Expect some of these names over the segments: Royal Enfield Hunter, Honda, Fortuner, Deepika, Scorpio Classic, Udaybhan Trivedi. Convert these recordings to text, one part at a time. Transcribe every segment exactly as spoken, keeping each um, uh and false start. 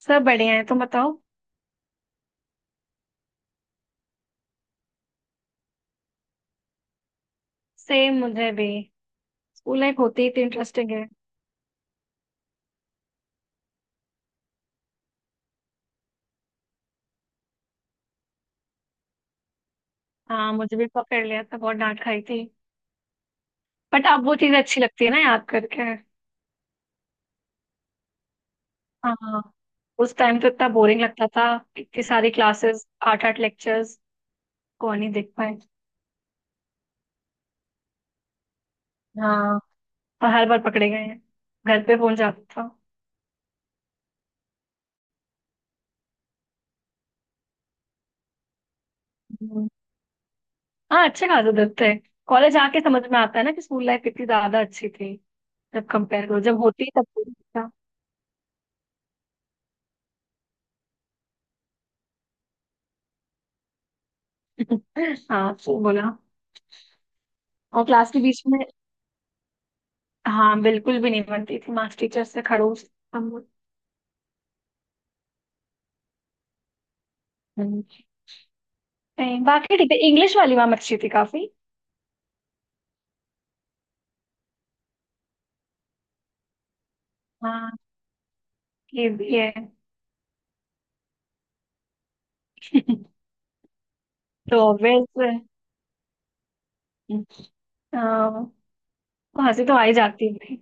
सब बढ़िया है। तुम बताओ। सेम मुझे भी। स्कूल लाइफ होती ही इतनी इंटरेस्टिंग है। हाँ मुझे भी पकड़ लिया था। बहुत डांट खाई थी। बट अब वो चीज अच्छी लगती है ना याद करके। हाँ। उस टाइम तो इतना बोरिंग लगता था। इतनी सारी क्लासेस, आठ आठ लेक्चर्स। कौन ही देख पाए। हाँ। और हर बार पकड़े गए हैं। घर पे फोन जाता था। हम्म। हाँ अच्छे खासे दिन थे। कॉलेज आके समझ में आता है ना कि स्कूल लाइफ कितनी ज्यादा अच्छी थी। जब कंपेयर करो, जब होती तब तो ठीक था। हाँ तो बोला। और क्लास के बीच में। हाँ, बिल्कुल भी नहीं बनती थी। मास्टर टीचर से खड़ूस। हम। हम्म। नहीं, बाकी ठीक है। इंग्लिश वाली मैम अच्छी थी काफी। हाँ ये भी है। तो ऑब्वियस, हंसी तो आ ही जाती है।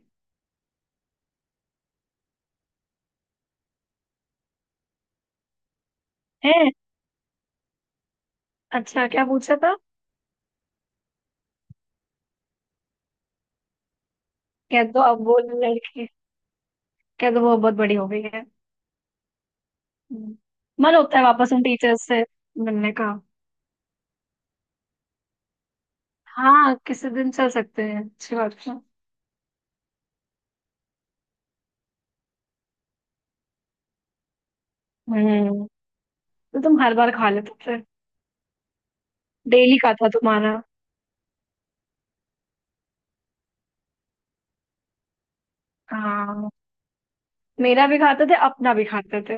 हैं? अच्छा, क्या पूछा था? कह दो अब वो लड़की, कह दो वो बहुत बड़ी हो गई है। हम्म। मन होता है वापस उन टीचर्स से मिलने का। हाँ किसी दिन चल सकते हैं। अच्छी बात है। हम्म। तो तुम हर बार खा लेते थे। डेली का था तुम्हारा। हाँ मेरा भी खाते थे, अपना भी खाते थे।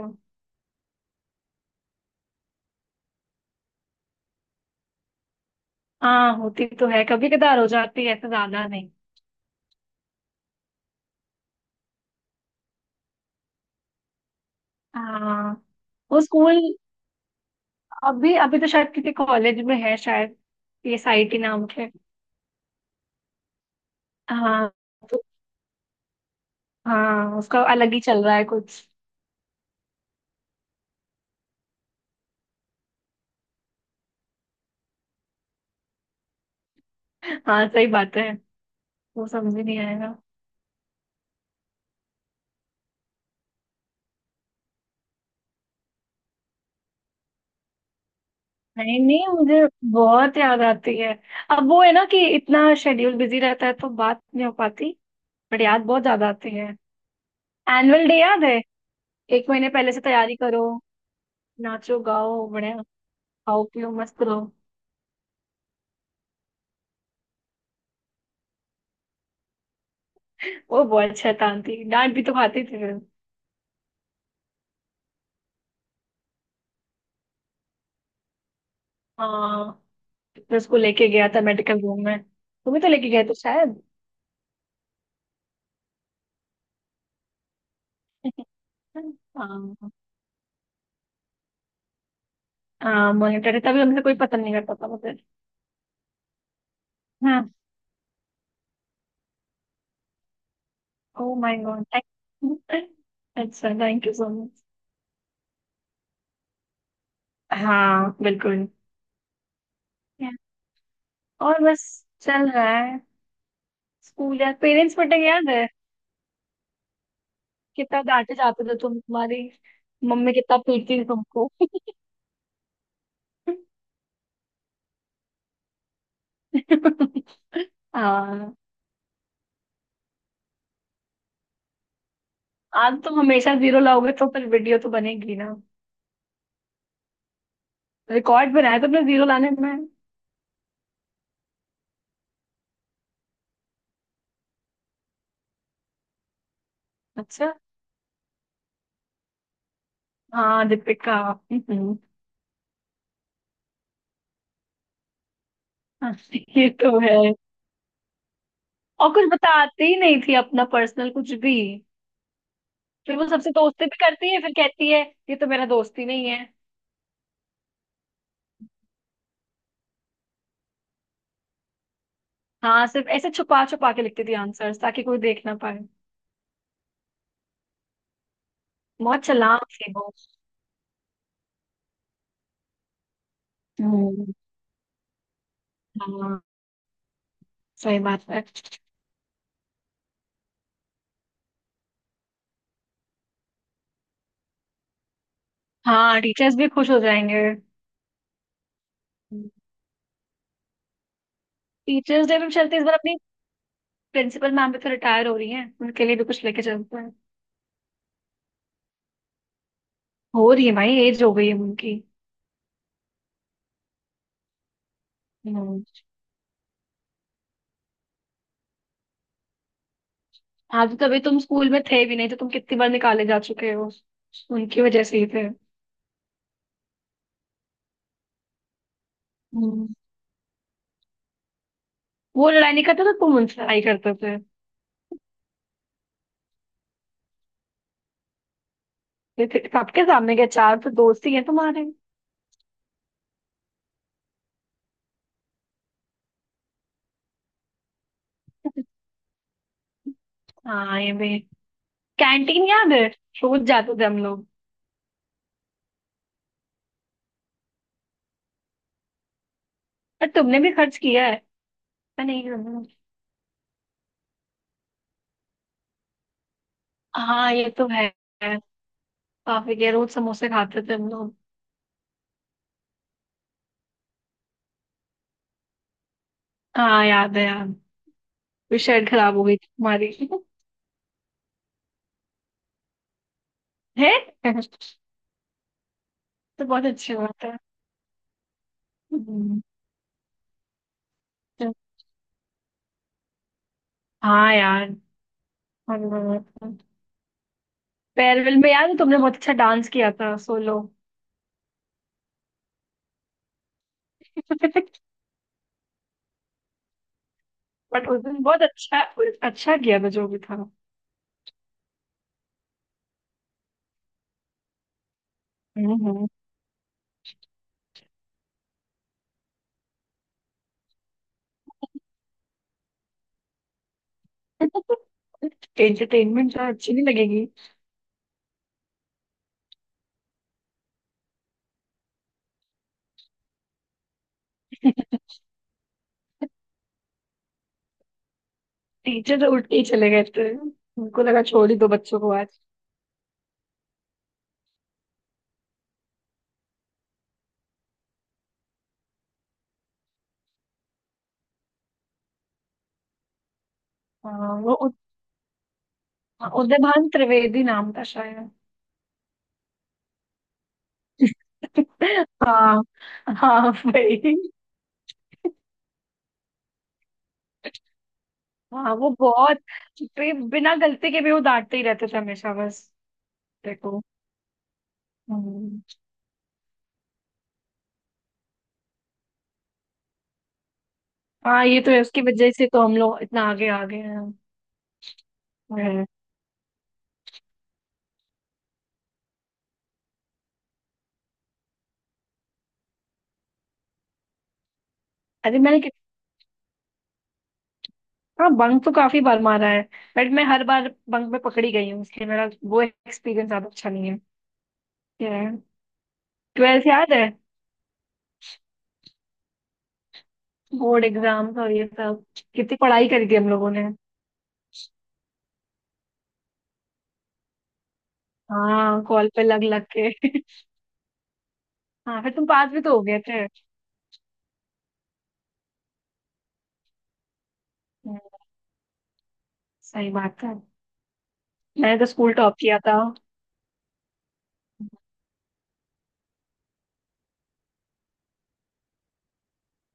हाँ होती तो है, कभी कदार हो जाती है, ऐसे ज्यादा नहीं। हाँ वो स्कूल, अभी अभी तो शायद किसी कॉलेज में है शायद, ये साईटी नाम के। हाँ तो हाँ उसका अलग ही चल रहा है कुछ। हाँ सही बात है। वो समझ ही नहीं आएगा। नहीं नहीं, मुझे बहुत याद आती है। अब वो है ना कि इतना शेड्यूल बिजी रहता है तो बात नहीं हो पाती। बट याद बहुत ज्यादा आती है। एनुअल डे याद है। एक महीने पहले से तैयारी करो, नाचो गाओ बढ़िया, खाओ पियो मस्त रहो। वो बहुत शैतान थी, डांट भी तो खाती थी फिर। हाँ। फिर उसको लेके गया था मेडिकल रूम में, तुम ही तो लेके गए थे शायद। हाँ। हाँ मॉनिटर है, तभी हमसे कोई पता नहीं करता था मुझे। हाँ। Oh my god. अच्छा थैंक यू सो मच। हाँ बिल्कुल। Yeah. और बस चल रहा है स्कूल। यार, पेरेंट्स मीटिंग याद है? कितना डांटे जाते थे तुम, तुम्हारी मम्मी कितना पीटती थी तुमको। हाँ। आज तुम हमेशा जीरो लाओगे तो फिर वीडियो तो बनेगी ना। रिकॉर्ड बनाया तुमने जीरो लाने में। अच्छा, हाँ दीपिका। हम्म, हाँ, ये तो है। और कुछ बताती ही नहीं थी, अपना पर्सनल कुछ भी। फिर वो सबसे दोस्ती भी करती है, फिर कहती है ये तो मेरा दोस्त ही नहीं है। हाँ, सिर्फ ऐसे छुपा छुपा के लिखती थी आंसर्स ताकि कोई देख ना पाए। बहुत चालाक थी वो। हम्म। हाँ सही बात है। हाँ टीचर्स भी खुश हो जाएंगे। टीचर्स डे पे भी चलते हैं। इस बार अपनी प्रिंसिपल मैम भी तो रिटायर हो रही हैं, उनके लिए भी कुछ लेके चलते हैं। हो रही है भाई, एज हो गई है उनकी। हम्म। आज तो तभी तुम स्कूल में थे भी नहीं, तो तुम कितनी बार निकाले जा चुके हो, उनकी वजह से ही थे। हम्म। वो लड़ाई नहीं करते थे, तुम उनसे लड़ाई करते थे। ये फिर सबके सामने के चार तो दोस्त ही हैं तुम्हारे। हाँ ये भी। कैंटीन याद है, रोज जाते थे हम लोग। और तुमने भी खर्च किया है। मैं नहीं करूंगा। हाँ ये तो है। काफी किया, रोज समोसे खाते थे हम लोग। हाँ याद है यार। फिर शर्ट खराब हो गई थी हमारी। है। तो बहुत अच्छी बात है। हम्म। तो- हाँ यार। और- फेयरवेल में याद है, तुमने बहुत अच्छा डांस किया था सोलो। बट उस दिन बहुत अच्छा। अच्छा किया था जो भी था। हम्म हम्म। एंटरटेनमेंट तो अच्छी नहीं लगेगी। टीचर तो उठ के ही चले गए थे, उनको लगा छोड़ ही दो बच्चों को आज। हाँ, वो उद- उदयभान त्रिवेदी नाम था शायद। हाँ। हाँ भाई। हाँ वो बहुत पे बिना गलती के भी वो डांटते ही रहते थे हमेशा बस। देखो। हम्म। हाँ ये तो है, उसकी वजह से तो हम लोग इतना आगे आ गए हैं। हम्म। अरे मैंने कि- हाँ बंक तो काफी बार मारा है, बट मैं हर बार बंक में पकड़ी गई हूँ, इसलिए मेरा वो एक्सपीरियंस ज्यादा अच्छा नहीं है। ट्वेल्थ याद है, बोर्ड एग्जाम्स और ये सब। कितनी पढ़ाई करी थी हम लोगों ने। हाँ, कॉल पे लग लग के। हाँ फिर तुम पास भी तो हो गए थे। हम्म, सही बात है। मैंने तो स्कूल टॉप किया था।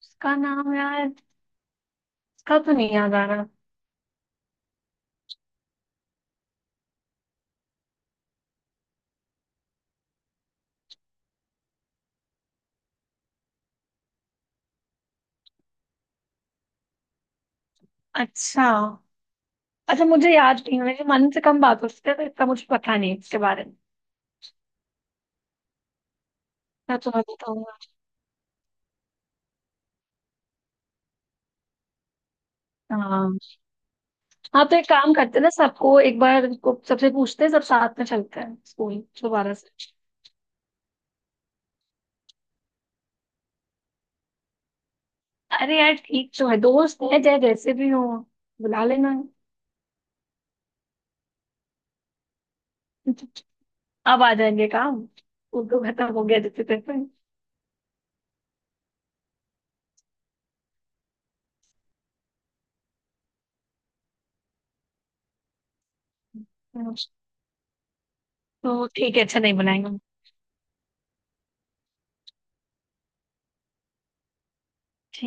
उसका नाम यार, इसका तो नहीं याद आ रहा। अच्छा, अच्छा मुझे याद नहीं है, मेरे मन से कम बात होती है तो इतना मुझे पता नहीं है इसके बारे में। मैं तुम्हें बताऊंगा। हाँ। हाँ तो एक काम करते हैं ना, सबको एक बार को सबसे पूछते हैं, सब साथ में चलते हैं स्कूल दोबारा से। अरे यार ठीक तो है, दोस्त है चाहे जैसे भी हो। बुला लेना, अब आ जाएंगे काम। स्कूल तो खत्म हो गया जैसे तैसे। तो ठीक है, अच्छा नहीं बनाएंगे।